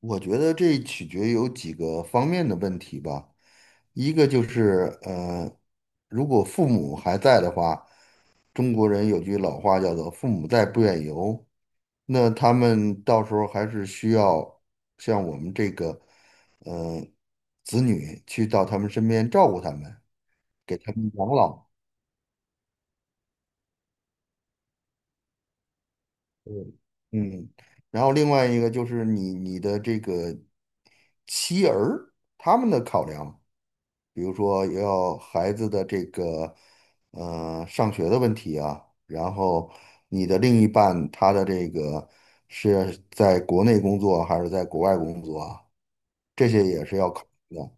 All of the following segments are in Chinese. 我觉得这取决有几个方面的问题吧。一个就是，如果父母还在的话，中国人有句老话叫做“父母在，不远游”，那他们到时候还是需要像我们这个，呃，子女去到他们身边照顾他们，给他们养老。嗯，嗯。然后另外一个就是你的这个妻儿他们的考量。比如说要孩子的这个上学的问题啊，然后你的另一半他的这个是在国内工作还是在国外工作啊，这些也是要考虑的。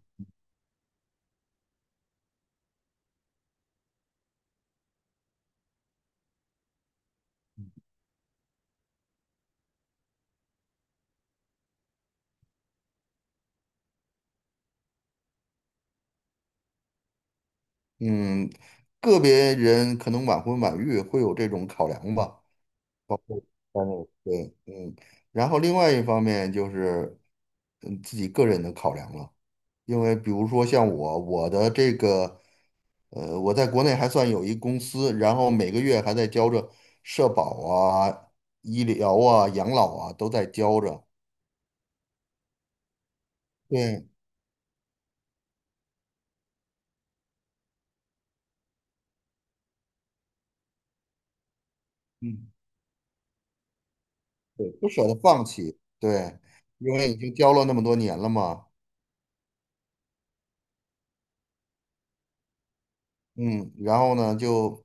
嗯，个别人可能晚婚晚育会有这种考量吧。但是对，嗯，然后另外一方面就是自己个人的考量了。因为比如说像我，我的这个，我在国内还算有一公司，然后每个月还在交着社保啊、医疗啊、养老啊都在交着。对，嗯，对，不舍得放弃，对，因为已经交了那么多年了嘛。嗯，然后呢，就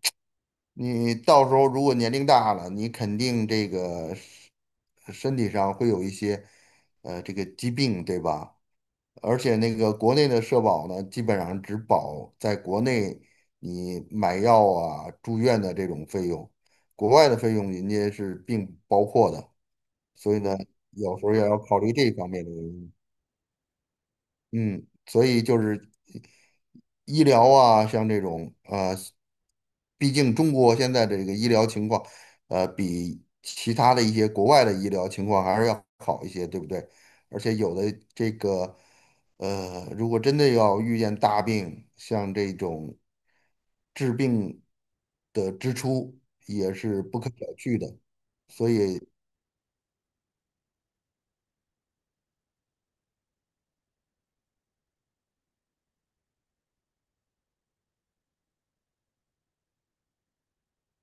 你到时候如果年龄大了，你肯定这个身体上会有一些，这个疾病，对吧？而且那个国内的社保呢，基本上只保在国内你买药啊、住院的这种费用，国外的费用人家是并不包括的，所以呢，有时候也要考虑这方面的原因。嗯，所以就是医疗啊，像这种毕竟中国现在这个医疗情况，比其他的一些国外的医疗情况还是要好一些，对不对？而且有的这个，如果真的要遇见大病，像这种治病的支出也是不可小觑的。所以，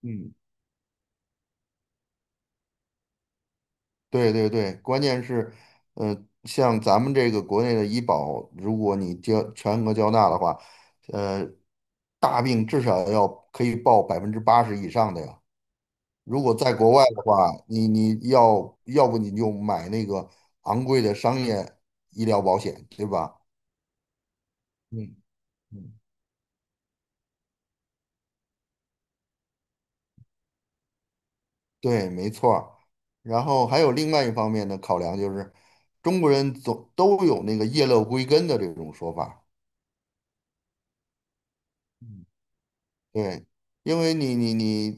嗯，对对对，关键是，呃，像咱们这个国内的医保，如果你交全额交纳的话，呃，大病至少要可以报80%以上的呀。如果在国外的话，你要不你就买那个昂贵的商业医疗保险，对吧？嗯嗯，对，没错儿。然后还有另外一方面的考量就是，中国人总都有那个叶落归根的这种说法。对，因为你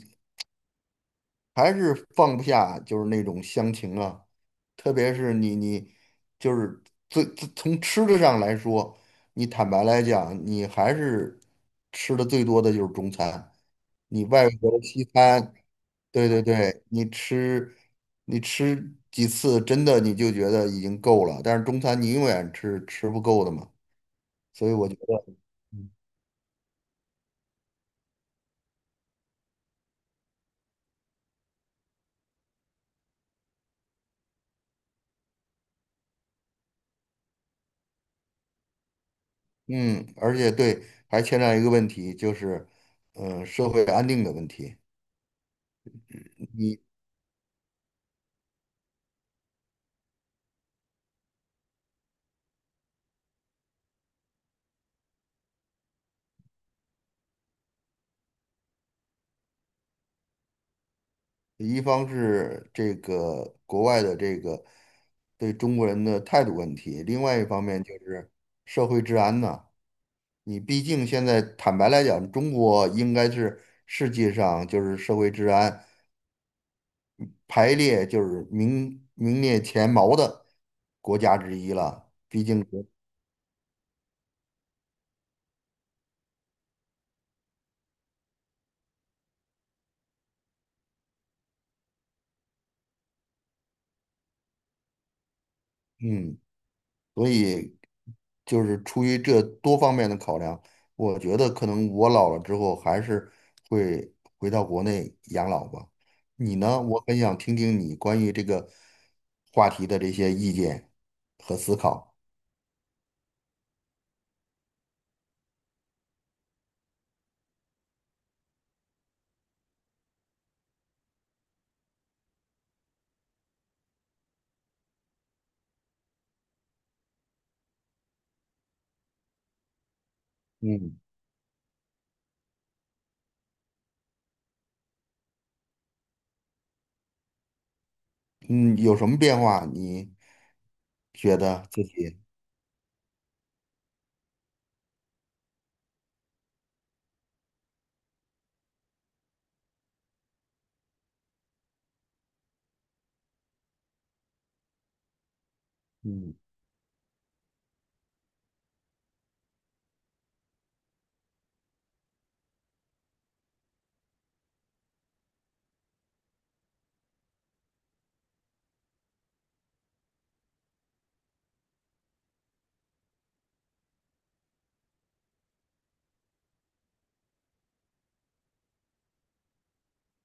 还是放不下，就是那种乡情啊，特别是你就是最从吃的上来说，你坦白来讲，你还是吃的最多的就是中餐，你外国的西餐，对对对，你吃几次，真的你就觉得已经够了，但是中餐你永远吃不够的嘛，所以我觉得。嗯，而且对，还牵扯一个问题，就是，嗯，社会安定的问题。你一方是这个国外的这个对中国人的态度问题，另外一方面就是社会治安呐。你毕竟现在坦白来讲，中国应该是世界上就是社会治安排列就是名列前茅的国家之一了。毕竟嗯，所以就是出于这多方面的考量，我觉得可能我老了之后还是会回到国内养老吧。你呢？我很想听听你关于这个话题的这些意见和思考。嗯嗯，有什么变化？你觉得自己嗯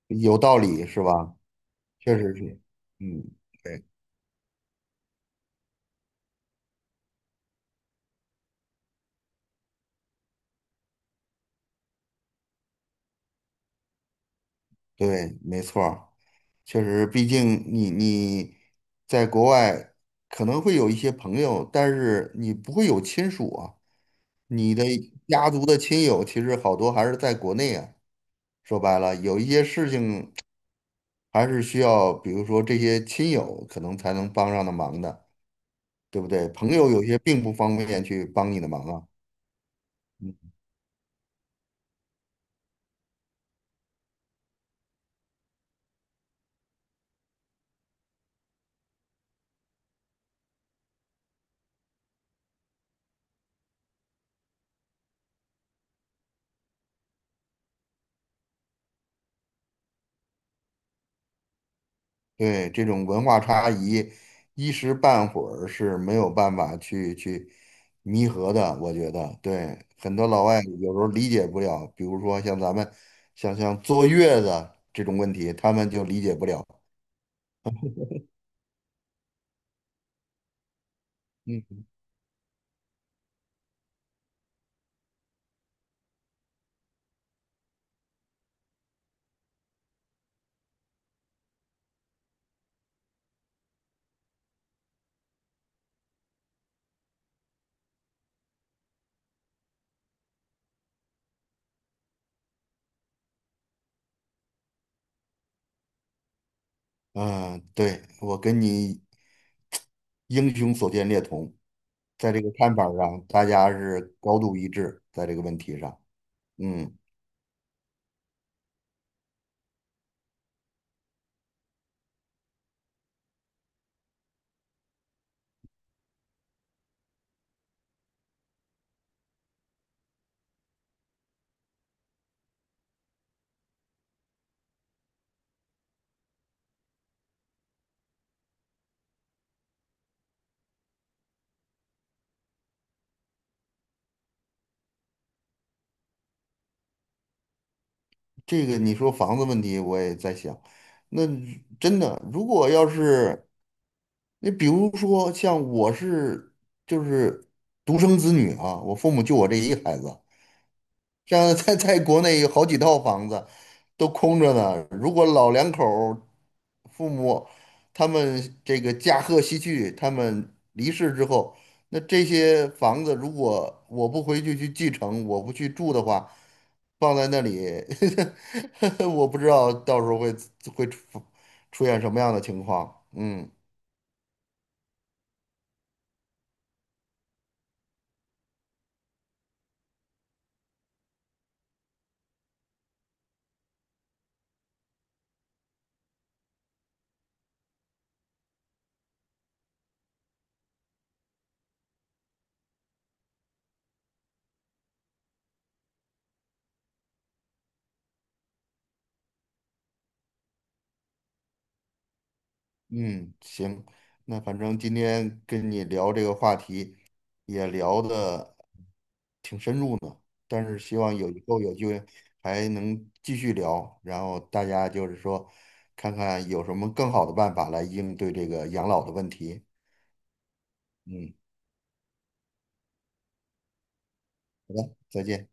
有道理是吧？确实是，嗯，对对，没错儿。确实，毕竟你在国外可能会有一些朋友，但是你不会有亲属啊。你的家族的亲友其实好多还是在国内啊。说白了，有一些事情还是需要，比如说这些亲友可能才能帮上的忙的，对不对？朋友有些并不方便去帮你的忙啊。对，这种文化差异，一时半会儿是没有办法去弥合的。我觉得，对，很多老外有时候理解不了，比如说像咱们，像坐月子这种问题，他们就理解不了。嗯嗯，对，我跟你英雄所见略同，在这个看法上，大家是高度一致，在这个问题上。嗯，这个你说房子问题，我也在想，那真的，如果要是。你比如说，像我是就是独生子女啊，我父母就我这一孩子，像在国内有好几套房子都空着呢。如果老两口儿父母他们这个驾鹤西去，他们离世之后，那这些房子如果我不回去去继承，我不去住的话，放在那里，我不知道到时候会出现什么样的情况。嗯嗯，行，那反正今天跟你聊这个话题，也聊的挺深入呢。但是希望有以后有机会还能继续聊，然后大家就是说，看看有什么更好的办法来应对这个养老的问题。嗯，好的，再见。